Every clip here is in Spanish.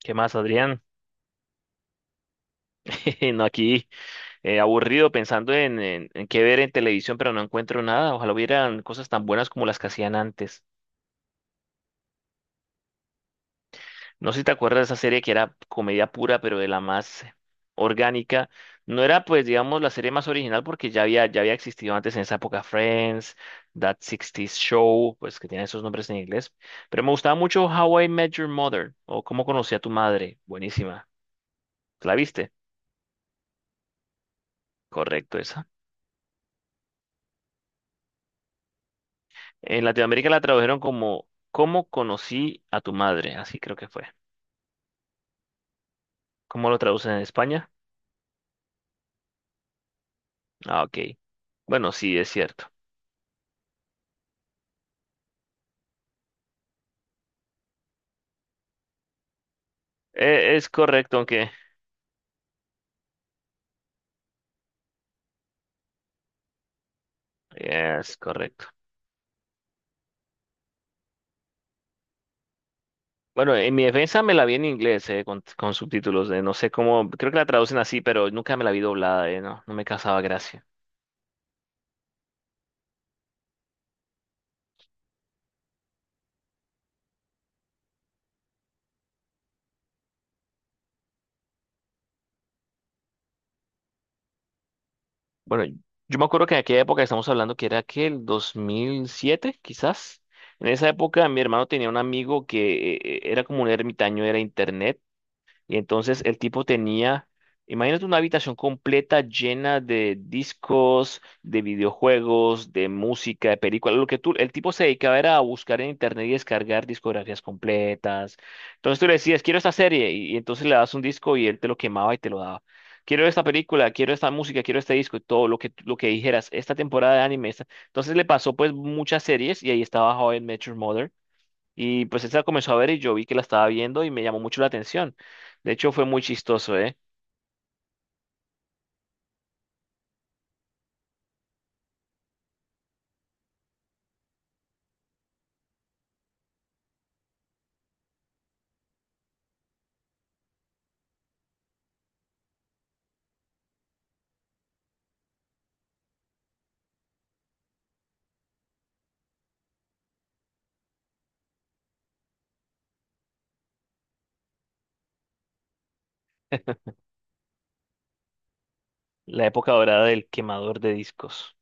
¿Qué más, Adrián? No, aquí aburrido pensando en qué ver en televisión, pero no encuentro nada. Ojalá hubieran cosas tan buenas como las que hacían antes. No sé si te acuerdas de esa serie que era comedia pura, pero de la más orgánica. No era, pues, digamos, la serie más original porque ya había existido antes en esa época Friends, That 60s Show, pues que tiene esos nombres en inglés. Pero me gustaba mucho How I Met Your Mother o Cómo conocí a tu madre. Buenísima. ¿La viste? Correcto, esa. En Latinoamérica la tradujeron como ¿Cómo conocí a tu madre? Así creo que fue. ¿Cómo lo traducen en España? Ah, ok. Bueno, sí, es cierto. Es correcto, aunque es correcto. Bueno, en mi defensa me la vi en inglés, con subtítulos. No sé cómo, creo que la traducen así, pero nunca me la vi doblada, no, no me causaba gracia. Bueno, yo me acuerdo que en aquella época estamos hablando que era que el 2007 quizás. En esa época mi hermano tenía un amigo que era como un ermitaño, era internet. Y entonces el tipo tenía, imagínate una habitación completa llena de discos, de videojuegos, de música, de películas. Lo que tú, el tipo se dedicaba era a buscar en internet y descargar discografías completas. Entonces tú le decías, quiero esta serie, y entonces le das un disco y él te lo quemaba y te lo daba. Quiero esta película, quiero esta música, quiero este disco, y todo lo que dijeras, esta temporada de anime. Entonces le pasó pues muchas series y ahí estaba How I Met Your Mother y pues él se la comenzó a ver y yo vi que la estaba viendo y me llamó mucho la atención. De hecho, fue muy chistoso, ¿eh? La época dorada del quemador de discos.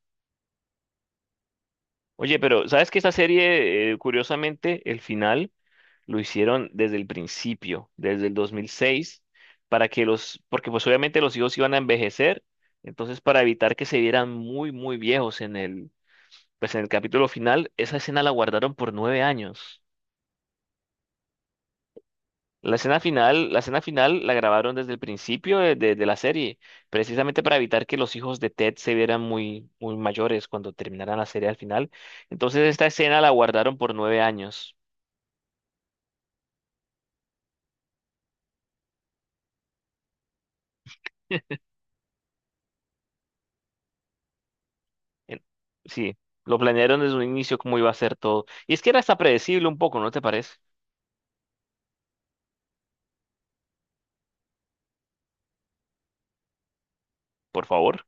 Oye, pero ¿sabes que esta serie, curiosamente, el final lo hicieron desde el principio, desde el 2006, para que los, porque pues obviamente los hijos iban a envejecer, entonces para evitar que se vieran muy viejos en el, pues en el capítulo final, esa escena la guardaron por 9 años. La escena final, la escena final la grabaron desde el principio de la serie, precisamente para evitar que los hijos de Ted se vieran muy mayores cuando terminaran la serie al final. Entonces esta escena la guardaron por nueve años. En- Sí, lo planearon desde un inicio cómo iba a ser todo. Y es que era hasta predecible un poco, ¿no te parece? Por favor.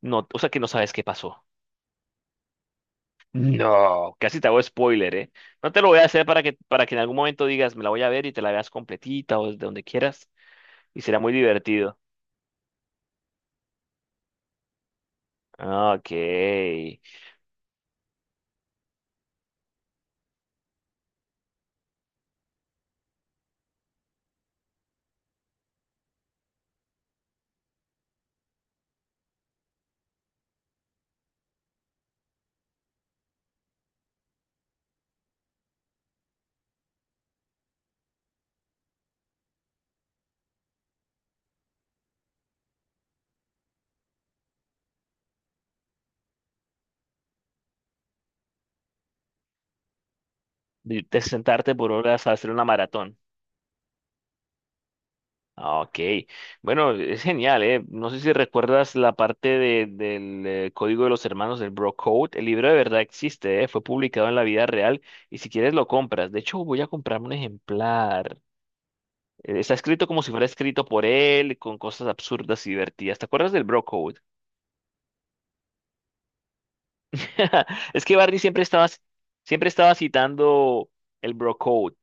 No, o sea que no sabes qué pasó. No, casi te hago spoiler, ¿eh? No te lo voy a hacer para que en algún momento digas, me la voy a ver y te la veas completita o desde donde quieras. Y será muy divertido. Ah, ok. De sentarte por horas a hacer una maratón. Ah, ok. Bueno, es genial, ¿eh? No sé si recuerdas la parte del Código de los Hermanos del Bro Code. El libro de verdad existe, ¿eh? Fue publicado en la vida real y si quieres lo compras. De hecho, voy a comprarme un ejemplar. Está escrito como si fuera escrito por él, con cosas absurdas y divertidas. ¿Te acuerdas del Bro Code? Es que siempre estaba citando el Bro Code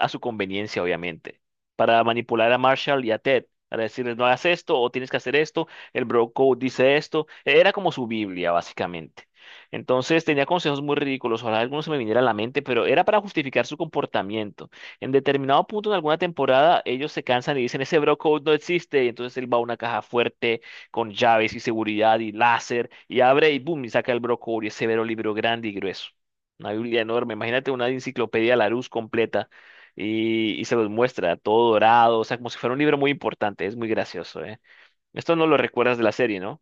a su conveniencia, obviamente, para manipular a Marshall y a Ted, para decirles no hagas esto o tienes que hacer esto, el bro code dice esto, era como su Biblia, básicamente. Entonces tenía consejos muy ridículos, ojalá algunos se me viniera a la mente, pero era para justificar su comportamiento. En determinado punto en alguna temporada, ellos se cansan y dicen, ese bro code no existe, y entonces él va a una caja fuerte con llaves y seguridad y láser, y abre y boom, y saca el bro code y ese vero libro grande y grueso. Una Biblia enorme, imagínate una enciclopedia Larousse completa y se los muestra todo dorado, o sea, como si fuera un libro muy importante, es muy gracioso, ¿eh? Esto no lo recuerdas de la serie, ¿no?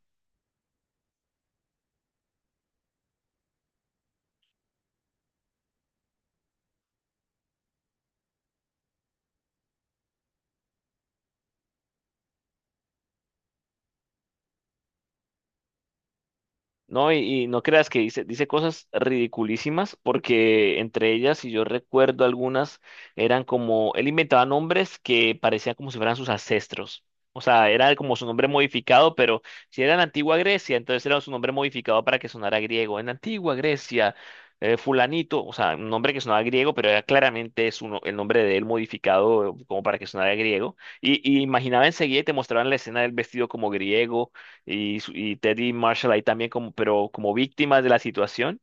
No, y no creas que dice cosas ridiculísimas, porque entre ellas, si yo recuerdo algunas, eran como, él inventaba nombres que parecían como si fueran sus ancestros. O sea, era como su nombre modificado, pero si era en antigua Grecia, entonces era su nombre modificado para que sonara griego. En antigua Grecia, fulanito, o sea, un nombre que sonaba griego, pero era claramente su el nombre de él modificado como para que sonara griego. Y imaginaba enseguida y te mostraban la escena del vestido como griego y, y Teddy Marshall ahí también como, pero como víctimas de la situación.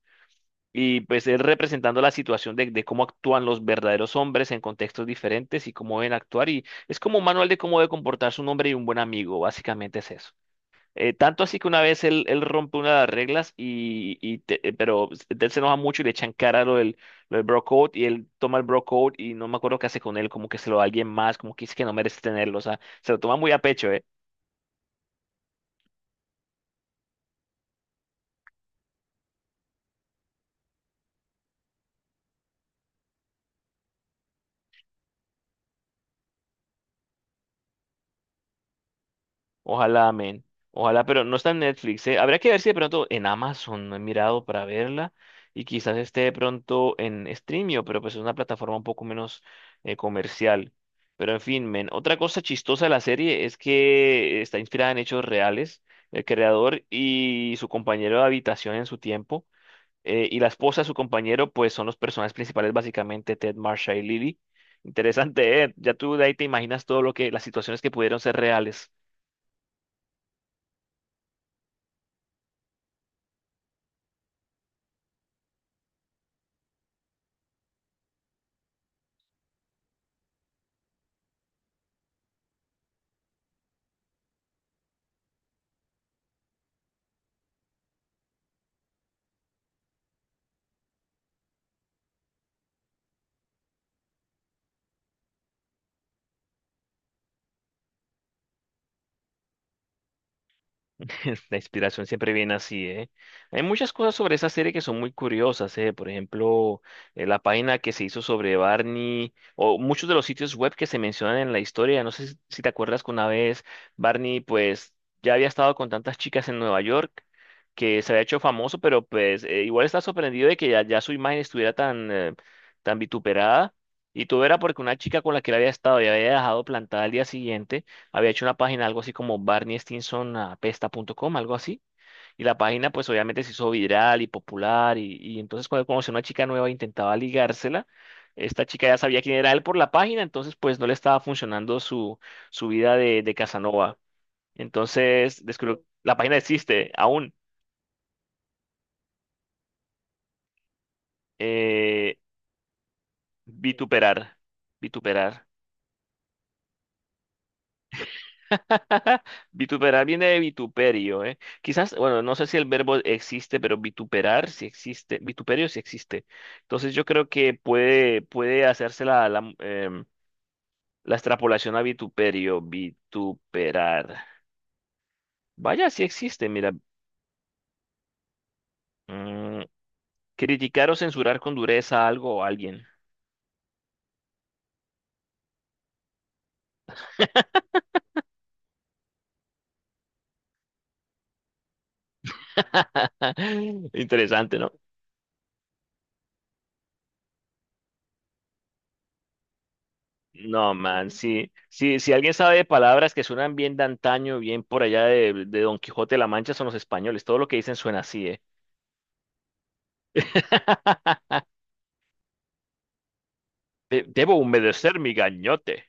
Y pues él representando la situación de cómo actúan los verdaderos hombres en contextos diferentes y cómo deben actuar. Y es como un manual de cómo debe comportarse un hombre y un buen amigo, básicamente es eso. Tanto así que una vez él rompe una de las reglas, pero él se enoja mucho y le echan cara lo del bro code y él toma el bro code y no me acuerdo qué hace con él, como que se lo da a alguien más, como que dice que no merece tenerlo, o sea, se lo toma muy a pecho, ¿eh? Ojalá, amén. Ojalá, pero no está en Netflix, ¿eh? Habría que ver si de pronto en Amazon no he mirado para verla y quizás esté de pronto en Streamio, pero pues es una plataforma un poco menos comercial. Pero en fin, men, otra cosa chistosa de la serie es que está inspirada en hechos reales. El creador y su compañero de habitación en su tiempo y la esposa de su compañero pues son los personajes principales básicamente Ted, Marsha y Lily. Interesante, ¿eh? Ya tú de ahí te imaginas todo lo que las situaciones que pudieron ser reales. La inspiración siempre viene así, ¿eh? Hay muchas cosas sobre esa serie que son muy curiosas, ¿eh? Por ejemplo, la página que se hizo sobre Barney, o muchos de los sitios web que se mencionan en la historia. No sé si te acuerdas que una vez Barney, pues, ya había estado con tantas chicas en Nueva York que se había hecho famoso, pero pues igual está sorprendido de que ya su imagen estuviera tan, tan vituperada. Y todo era porque una chica con la que él había estado y había dejado plantada al día siguiente había hecho una página, algo así como barneystinson.apesta.com, algo así. Y la página, pues obviamente se hizo viral y popular. Y entonces, cuando conoció una chica nueva, e intentaba ligársela. Esta chica ya sabía quién era él por la página, entonces, pues no le estaba funcionando su, su vida de Casanova. Entonces, descubrió, la página existe aún. eh, Vituperar. Vituperar. Vituperar viene de vituperio, ¿eh? Quizás, bueno, no sé si el verbo existe, pero vituperar sí existe, vituperio sí existe. Entonces yo creo que puede hacerse la extrapolación a vituperio, vituperar. Vaya, sí existe, mira. Mm, criticar o censurar con dureza a algo o alguien. Interesante, ¿no? No, man, sí, sí, si alguien sabe de palabras que suenan bien de antaño, bien por allá de Don Quijote de la Mancha, son los españoles. Todo lo que dicen suena así, ¿eh? Debo humedecer mi gañote.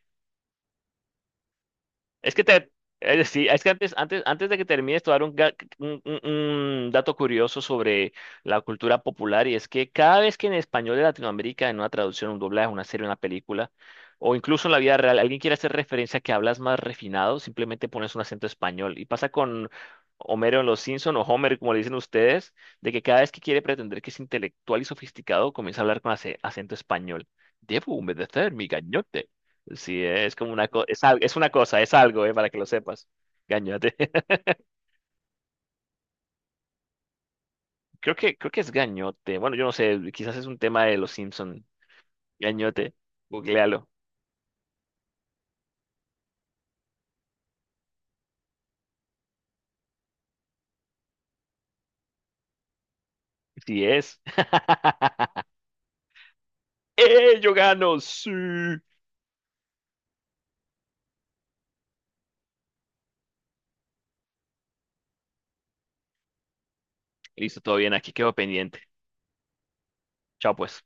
Es que sí, es que antes de que termines, te voy a dar un, un dato curioso sobre la cultura popular y es que cada vez que en español de Latinoamérica, en una traducción, un doblaje, una serie, una película, o incluso en la vida real, alguien quiere hacer referencia a que hablas más refinado, simplemente pones un acento español. Y pasa con Homero en Los Simpson o Homer, como le dicen ustedes, de que cada vez que quiere pretender que es intelectual y sofisticado, comienza a hablar con acento español. Debo humedecer mi gañote. Sí, es como una cosa, es, es una cosa, es algo, para que lo sepas. Gañote. Creo que es gañote. Bueno, yo no sé, quizás es un tema de los Simpson. Gañote, googlealo. Sí es. ¡Eh, yo gano! Sí. Listo, todo bien, aquí quedo pendiente. Chao, pues.